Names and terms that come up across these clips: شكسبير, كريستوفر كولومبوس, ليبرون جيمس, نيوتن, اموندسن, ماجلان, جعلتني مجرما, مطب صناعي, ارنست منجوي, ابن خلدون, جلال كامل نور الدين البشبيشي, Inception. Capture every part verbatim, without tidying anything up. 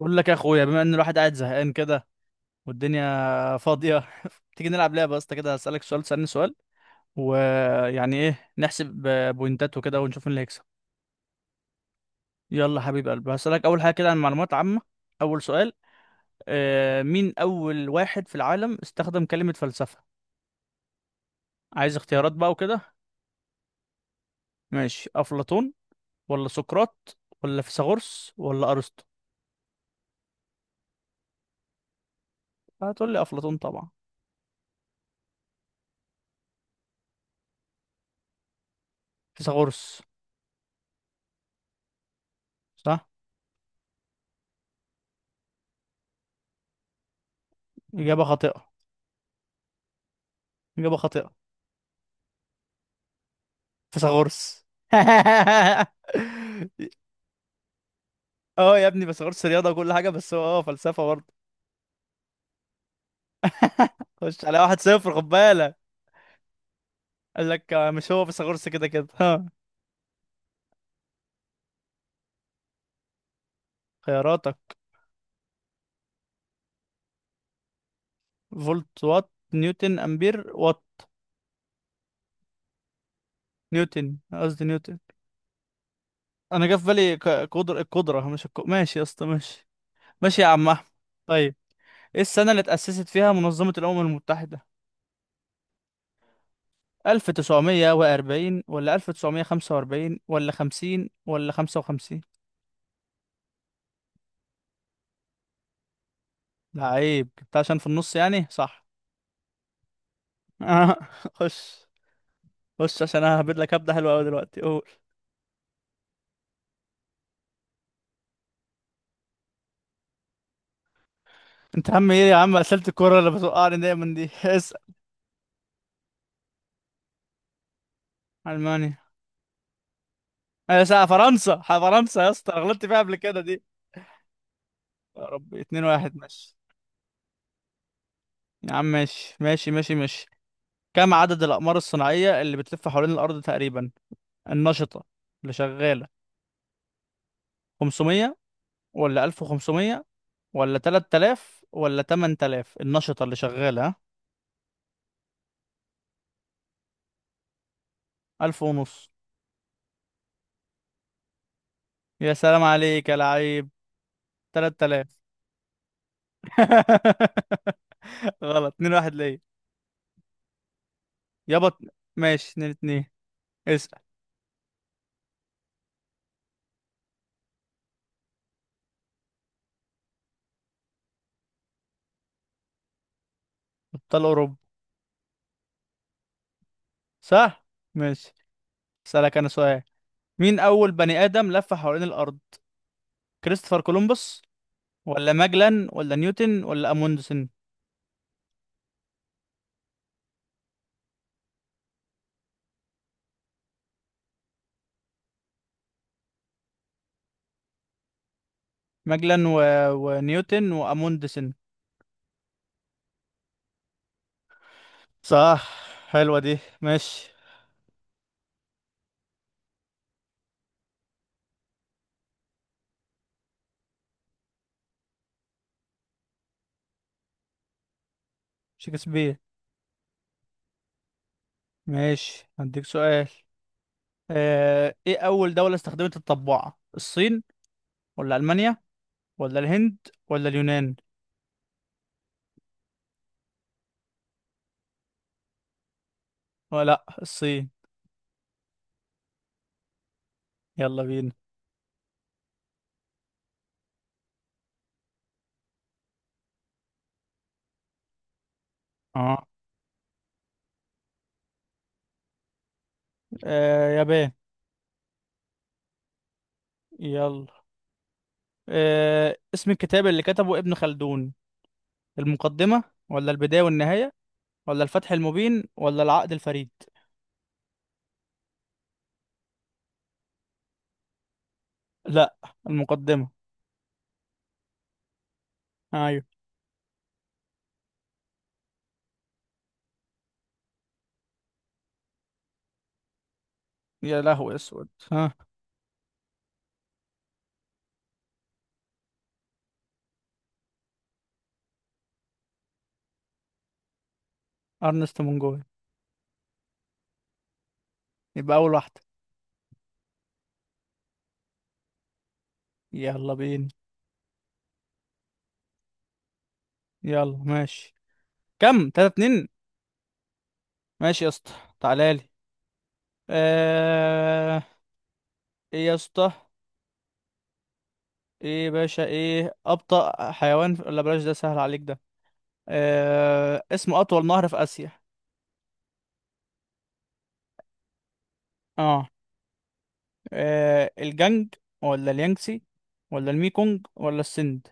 بقول لك يا اخويا، بما ان الواحد قاعد زهقان كده والدنيا فاضيه. تيجي نلعب لعبه يا اسطى، كده هسألك سؤال تسألني سؤال ويعني ايه نحسب بوينتات وكده ونشوف مين اللي هيكسب. يلا حبيب قلبي، هسألك اول حاجه كده عن معلومات عامه. اول سؤال، آه مين اول واحد في العالم استخدم كلمه فلسفه؟ عايز اختيارات بقى وكده. ماشي، افلاطون ولا سقراط ولا فيثاغورس ولا ارسطو؟ هتقول لي افلاطون طبعا. فيثاغورس صح. اجابه خاطئه. اجابه خاطئه. فيثاغورس. اه يا ابني، فيثاغورس رياضه وكل حاجه، بس هو اه فلسفه برضه. خش على واحد صفر، خد بالك. قال لك آه، مش هو فيثاغورس كده كده، ها. خياراتك: فولت، وات، نيوتن، امبير. وات. نيوتن، قصدي نيوتن. انا جه في بالي ك- قدر القدره، مش الك... ماشي يا اسطى، ماشي. ماشي يا عم احمد. طيب، ايه السنه اللي اتاسست فيها منظمه الامم المتحده؟ ألف تسعمية وأربعين ولا ألف تسعمية وخمسة وأربعين ولا خمسين ولا خمسة وخمسين؟ لعيب، جبتها عشان في النص يعني. صح. آه. خش. خش عشان انا هبيد لك هبدة حلوة قوي دلوقتي، قول. انت عم ايه يا عم، اسئلة الكورة اللي بتوقعني دايما دي. اسأل. المانيا. انا سأ فرنسا، ح- فرنسا يا اسطى، أنا غلطت فيها قبل كده دي. يا ربي، اتنين واحد ماشي. يا عم ماشي ماشي ماشي ماشي. كم عدد الأقمار الصناعية اللي بتلف حوالين الأرض تقريبا، النشطة اللي شغالة؟ خمسمية ولا ألف وخمسمية ولا تلات آلاف ولا تمن آلاف؟ النشطة اللي شغالة، ها. ألف ونص. يا سلام عليك يا لعيب. تلات آلاف. غلط، اتنين واحد ليا. يابا. ماشي اتنين اتنين. اسأل. ابطال اوروبا. صح. ماشي. اسألك انا سؤال، مين اول بني ادم لف حوالين الارض؟ كريستوفر كولومبوس ولا ماجلان ولا نيوتن ولا اموندسن؟ ماجلان و... ونيوتن واموندسن. صح، حلوة دي. ماشي. شكسبير. ماشي، هديك سؤال. آه... ايه اول دولة استخدمت الطباعة، الصين ولا المانيا ولا الهند ولا اليونان؟ ولا لأ، الصين. يلا بينا. اه، آه يابان. يلا. آه اسم الكتاب اللي كتبه ابن خلدون، المقدمة ولا البداية والنهاية ولا الفتح المبين ولا العقد الفريد؟ لا، المقدمة. ايوه. يا لهو اسود، ها. ارنست منجوي. يبقى اول واحدة. يلا بينا. يلا ماشي، كم؟ تلاتة اتنين. ماشي يا اسطى، تعالى لي. آه ايه يا اسطى، ايه يا باشا، ايه ابطأ حيوان في... لا، بلاش ده سهل عليك ده. آه... اسمه اطول نهر في اسيا. اه, آه... الجنج ولا اليانجسي ولا الميكونج ولا السند؟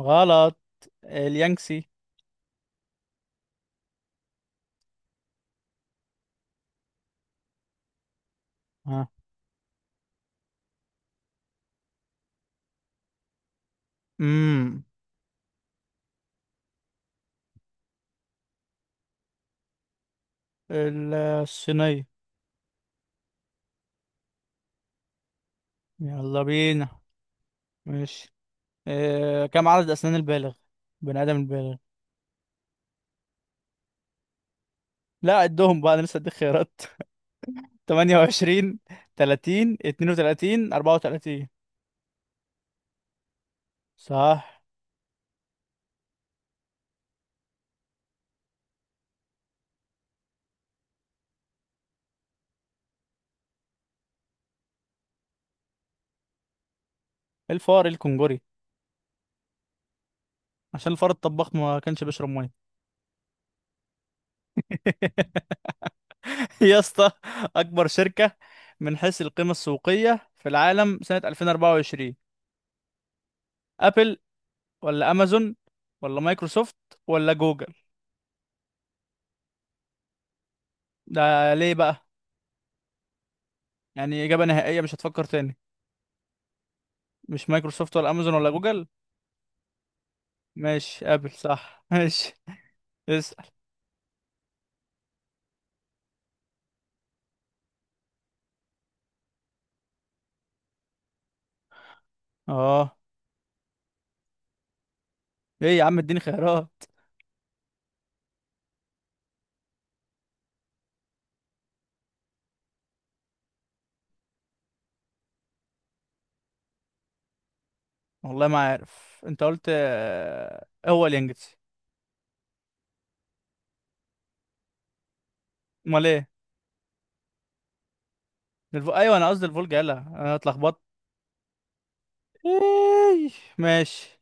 غلط، اليانجسي. ها، امم ال- الصينية. يلا بينا. ماشي، آه... كم عدد اسنان البالغ، بني ادم البالغ؟ لا، عدهم بقى، انا لسه اديك خيارات. ثمانية وعشرين، تلاتين، اثنين وثلاثين، اربعة وتلاتين. صح. الفار الكنجري. عشان الفار الطباخ ما كانش بيشرب ميه. يا اسطى، اكبر شركه من حيث القيمه السوقيه في العالم سنه ألفين وأربعة وعشرين، ابل ولا امازون ولا مايكروسوفت ولا جوجل؟ ده ليه بقى؟ يعني اجابه نهائيه، مش هتفكر تاني؟ مش مايكروسوفت ولا امازون ولا جوجل. ماشي، ابل صح. ماشي. اسال. اه ايه يا عم، اديني خيارات. والله ما عارف، انت قلت آه، هو اليانجتسي. امال ايه؟ الف... ايوه، انا قصدي الفولجا، يلا انا اتلخبطت. إيه؟ ماشي.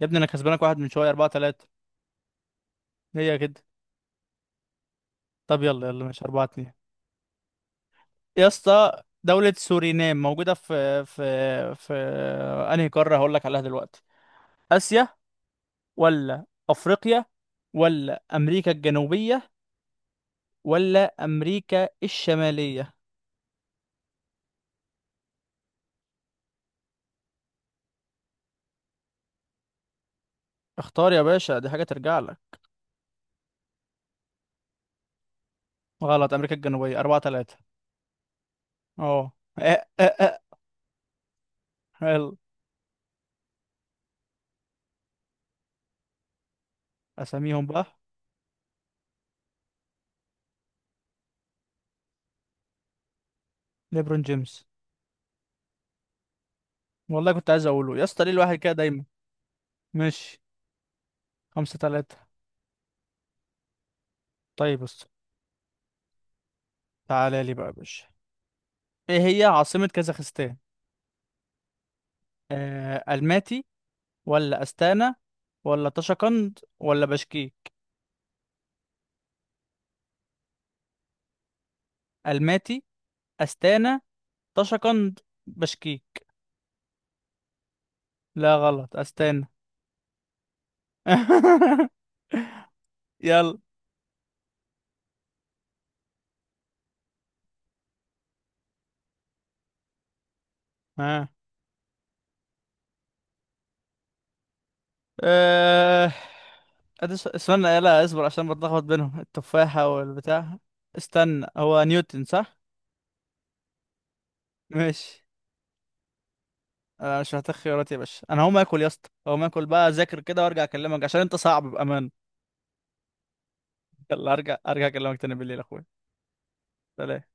يا ابني انا كسبانك واحد من شويه، اربعة تلاتة. هي كده. طب، يلا يلا ماشي، اربعة اتنين. يا اسطى، دولة سورينام موجودة في في في انهي قارة، هقول لك عليها دلوقتي؟ اسيا ولا افريقيا ولا امريكا الجنوبية ولا امريكا الشمالية؟ اختار يا باشا، دي حاجة ترجع لك. غلط، امريكا الجنوبية، اربعة تلاتة. اه. آه، آه، آه. يلا. اساميهم بقى. ليبرون جيمس. والله كنت عايز اقوله، يا اسطى ليه الواحد كده دايما. ماشي. خمسة تلاتة. طيب، بص. تعالى لي بقى يا باشا، ايه هي عاصمة كازاخستان؟ آه الماتي ولا استانا ولا طشقند ولا بشكي؟ الماتي، استانا، طشقند، بشكي. لا، غلط، استانا. يلا. ها. آه. أدس... استنى، لا اصبر عشان بتلخبط بينهم التفاحة والبتاع. استنى، هو نيوتن صح؟ ماشي. انا مش محتاج خيارات يا باشا، انا هقوم اكل يا اسطى، هقوم اكل بقى اذاكر كده وارجع اكلمك عشان انت صعب بامان. يلا، ارجع ارجع اكلمك تاني بالليل يا اخويا. سلام.